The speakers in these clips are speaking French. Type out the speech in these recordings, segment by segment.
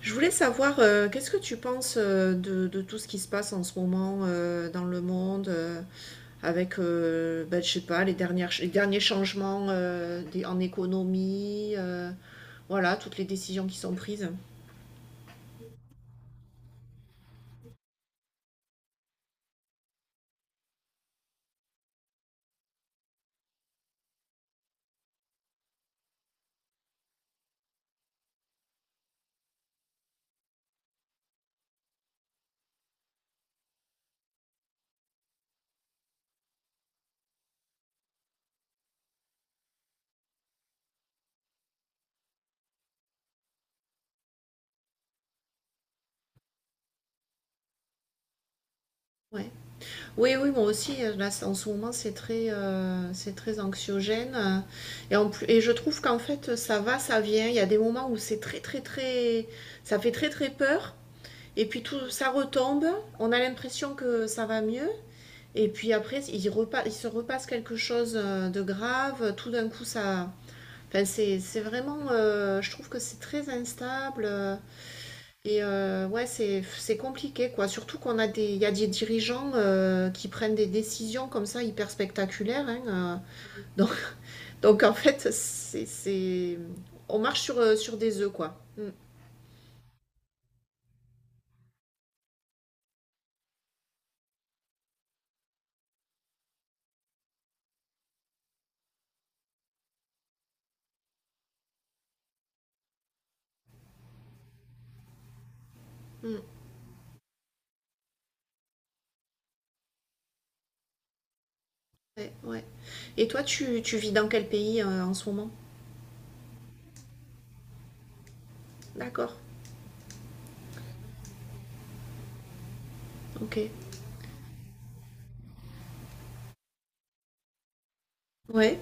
Je voulais savoir, qu'est-ce que tu penses de tout ce qui se passe en ce moment dans le monde avec, ben, je sais pas, les derniers changements en économie, voilà, toutes les décisions qui sont prises. Ouais. Oui, oui, moi aussi, là, en ce moment, c'est très anxiogène. Et, en plus, et je trouve qu'en fait, ça va, ça vient. Il y a des moments où c'est très, très, très, ça fait très, très peur. Et puis tout, ça retombe. On a l'impression que ça va mieux. Et puis après, il se repasse quelque chose de grave. Tout d'un coup, ça. Enfin, c'est vraiment. Je trouve que c'est très instable. Et ouais, c'est compliqué, quoi. Surtout il y a des dirigeants qui prennent des décisions comme ça hyper spectaculaires, hein. euh. donc, donc en fait, on marche sur des œufs, quoi. Mm, mm. Ouais, ouais. Et toi, tu vis dans quel pays en ce moment? D'accord. Ok. Ouais.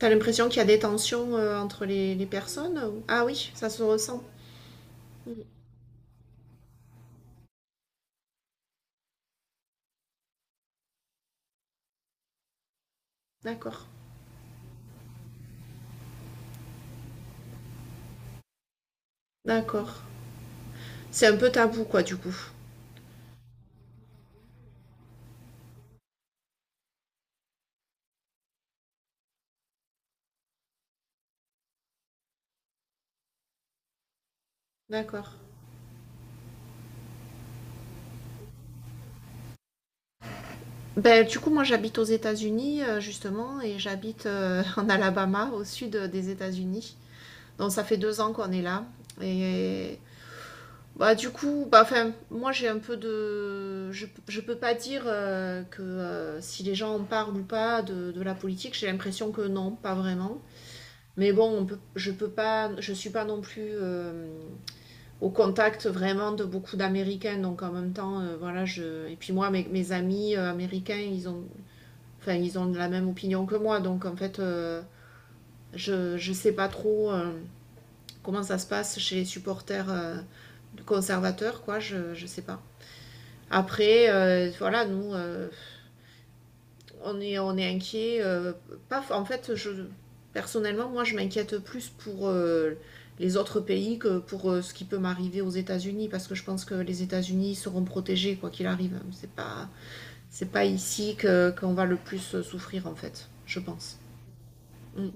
T'as l'impression qu'il y a des tensions entre les personnes Ah oui, ça se ressent. Mm. D'accord. D'accord. C'est un peu tabou, quoi, du coup. D'accord. Ben, du coup, moi, j'habite aux États-Unis, justement, et j'habite en Alabama, au sud des États-Unis. Donc, ça fait 2 ans qu'on est là. Et bah, du coup, bah, enfin, moi, j'ai un peu de… Je peux pas dire que si les gens en parlent ou pas de la politique, j'ai l'impression que non, pas vraiment. Mais bon, je peux pas, je suis pas non plus au contact vraiment de beaucoup d'Américains, donc en même temps, voilà, je. Et puis moi, mes amis américains, enfin, ils ont la même opinion que moi, donc en fait, je sais pas trop comment ça se passe chez les supporters conservateurs, quoi, je sais pas. Après, voilà, nous, on est inquiet. Pas, en fait, je, personnellement, moi, je m'inquiète plus pour les autres pays que pour ce qui peut m'arriver aux États-Unis, parce que je pense que les États-Unis seront protégés quoi qu'il arrive. C'est pas ici qu'on va le plus souffrir, en fait, je pense. Mm.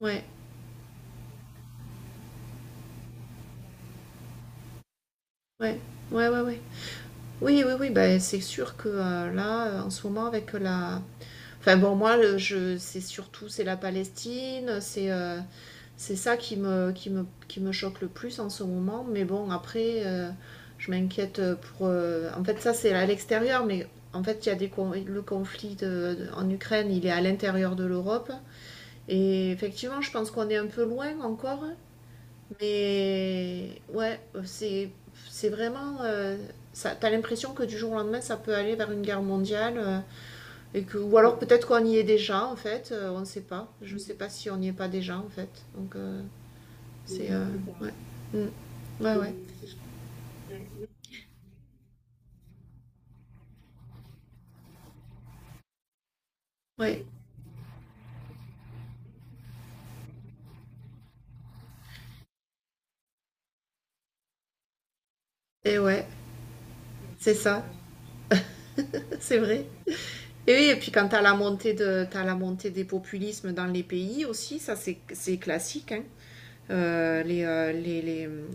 Ouais, ouais, ouais, ouais, ouais. Oui, oui, oui, ben, c'est sûr que là, en ce moment, avec la… Enfin bon, moi, c'est surtout, c'est la Palestine, c'est… C'est ça qui me choque le plus en ce moment. Mais bon, après, je m'inquiète pour. En fait, ça, c'est à l'extérieur, mais en fait, il y a des le conflit en Ukraine, il est à l'intérieur de l'Europe. Et effectivement, je pense qu'on est un peu loin encore. Mais ouais, c'est, c'est vraiment. Ça, t'as l'impression que du jour au lendemain, ça peut aller vers une guerre mondiale. Ou alors peut-être qu'on y est déjà, en fait. On ne sait pas. Je ne sais pas si on n'y est pas déjà, en fait. Donc. C'est. Ouais. Mm. Ouais, ouais. Ouais. Et ouais, c'est ça, c'est vrai. Et oui, et puis quand t'as la montée des populismes dans les pays aussi, c'est classique, hein. Euh, les, euh, les, les, hum,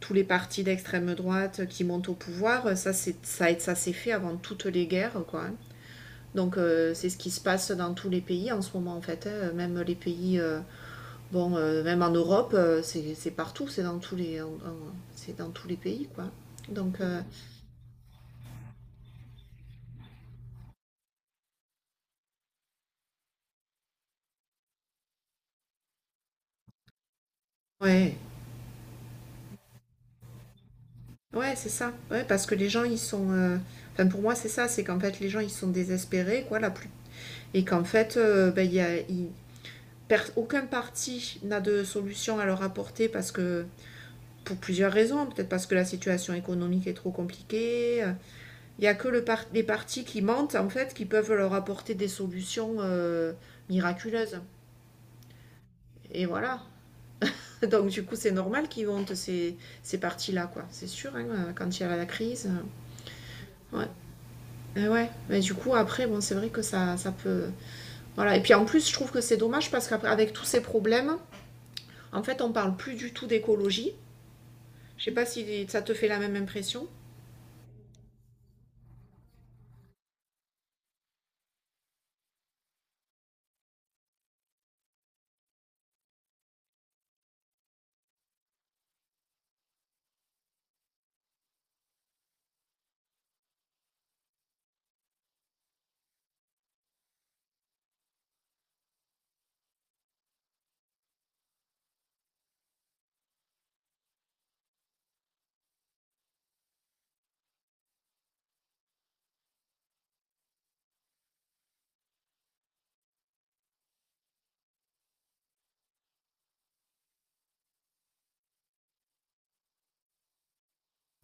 Tous les partis d'extrême droite qui montent au pouvoir, ça s'est fait avant toutes les guerres, quoi, hein. Donc c'est ce qui se passe dans tous les pays en ce moment en fait, hein, même les pays Bon, même en Europe, c'est partout, c'est dans tous les pays, quoi. Donc, ouais, ouais, c'est ça. Ouais, parce que les gens, ils sont. Enfin, pour moi, c'est ça, c'est qu'en fait, les gens, ils sont désespérés, quoi, la plus. Et qu'en fait, ben, il y a, il- per- aucun parti n'a de solution à leur apporter parce que. Pour plusieurs raisons, peut-être parce que la situation économique est trop compliquée. Il y a que les partis qui mentent, en fait, qui peuvent leur apporter des solutions miraculeuses. Et voilà. Donc du coup, c'est normal qu'ils montent ces parties-là, quoi. C'est sûr, hein, quand il y a la crise. Ouais. Et ouais. Mais du coup, après, bon, c'est vrai que ça peut… Voilà. Et puis en plus, je trouve que c'est dommage parce qu'avec tous ces problèmes, en fait, on ne parle plus du tout d'écologie. Je ne sais pas si ça te fait la même impression.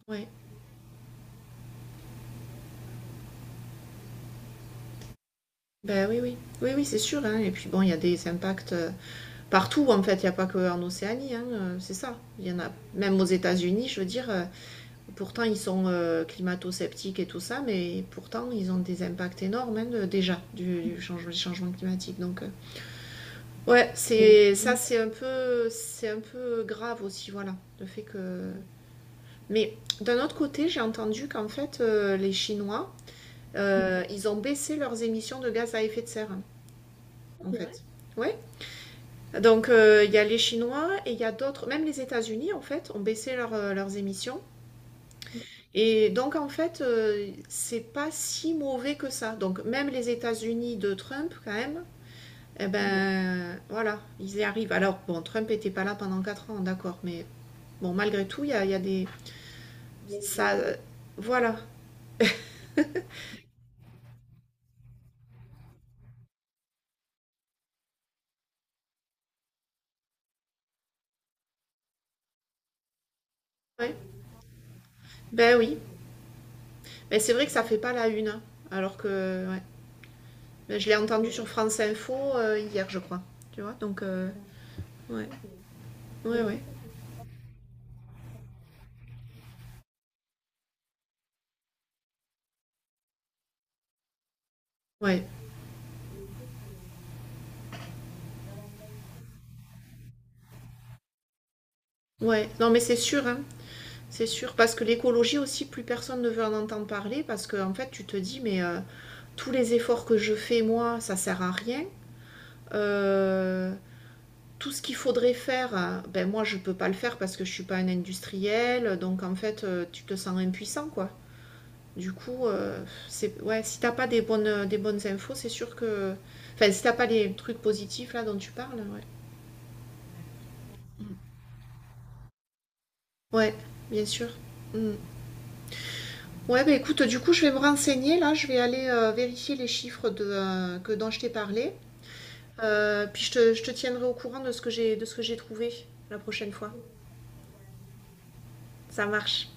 Ouais. Ben oui, oui. Oui, oui, c'est sûr, hein. Et puis bon, il y a des impacts partout, en fait. Il n'y a pas qu'en Océanie, hein, c'est ça. Il y en a même aux États-Unis, je veux dire, pourtant, ils sont climato-sceptiques et tout ça, mais pourtant, ils ont des impacts énormes, hein, déjà changement climatique. Donc, ouais, c'est ça, c'est un peu grave aussi, voilà, le fait que. Mais d'un autre côté, j'ai entendu qu'en fait, les Chinois, ils ont baissé leurs émissions de gaz à effet de serre, hein, en c'est fait. Oui, donc il y a les Chinois et il y a d'autres, même les États-Unis en fait, ont baissé leurs émissions. Et donc en fait, c'est pas si mauvais que ça. Donc même les États-Unis de Trump, quand même, eh ben voilà, ils y arrivent. Alors bon, Trump était pas là pendant 4 ans, d'accord, mais bon, malgré tout, il y a des. Ça, voilà. Ouais. Ben oui, mais c'est vrai que ça fait pas la une, hein. Alors que ouais. Ben, je l'ai entendu sur France Info hier, je crois. Tu vois, donc ouais, ouais, ouais, ouais, ouais. Non, mais c'est sûr, hein. C'est sûr, parce que l'écologie aussi, plus personne ne veut en entendre parler, parce que en fait, tu te dis, mais tous les efforts que je fais, moi, ça sert à rien. Euh, Tout ce qu'il faudrait faire, ben moi, je peux pas le faire parce que je suis pas un industriel, donc en fait, tu te sens impuissant, quoi. Du coup, c'est ouais, si t'as pas des bonnes infos, c'est sûr que, enfin, si t'as pas les trucs positifs là dont tu parles, ouais. Ouais, bien sûr. Mm. Ouais, bah écoute, du coup, je vais me renseigner là, je vais aller vérifier les chiffres dont je t'ai parlé. Puis je te tiendrai au courant de ce que j'ai trouvé la prochaine fois. Ça marche.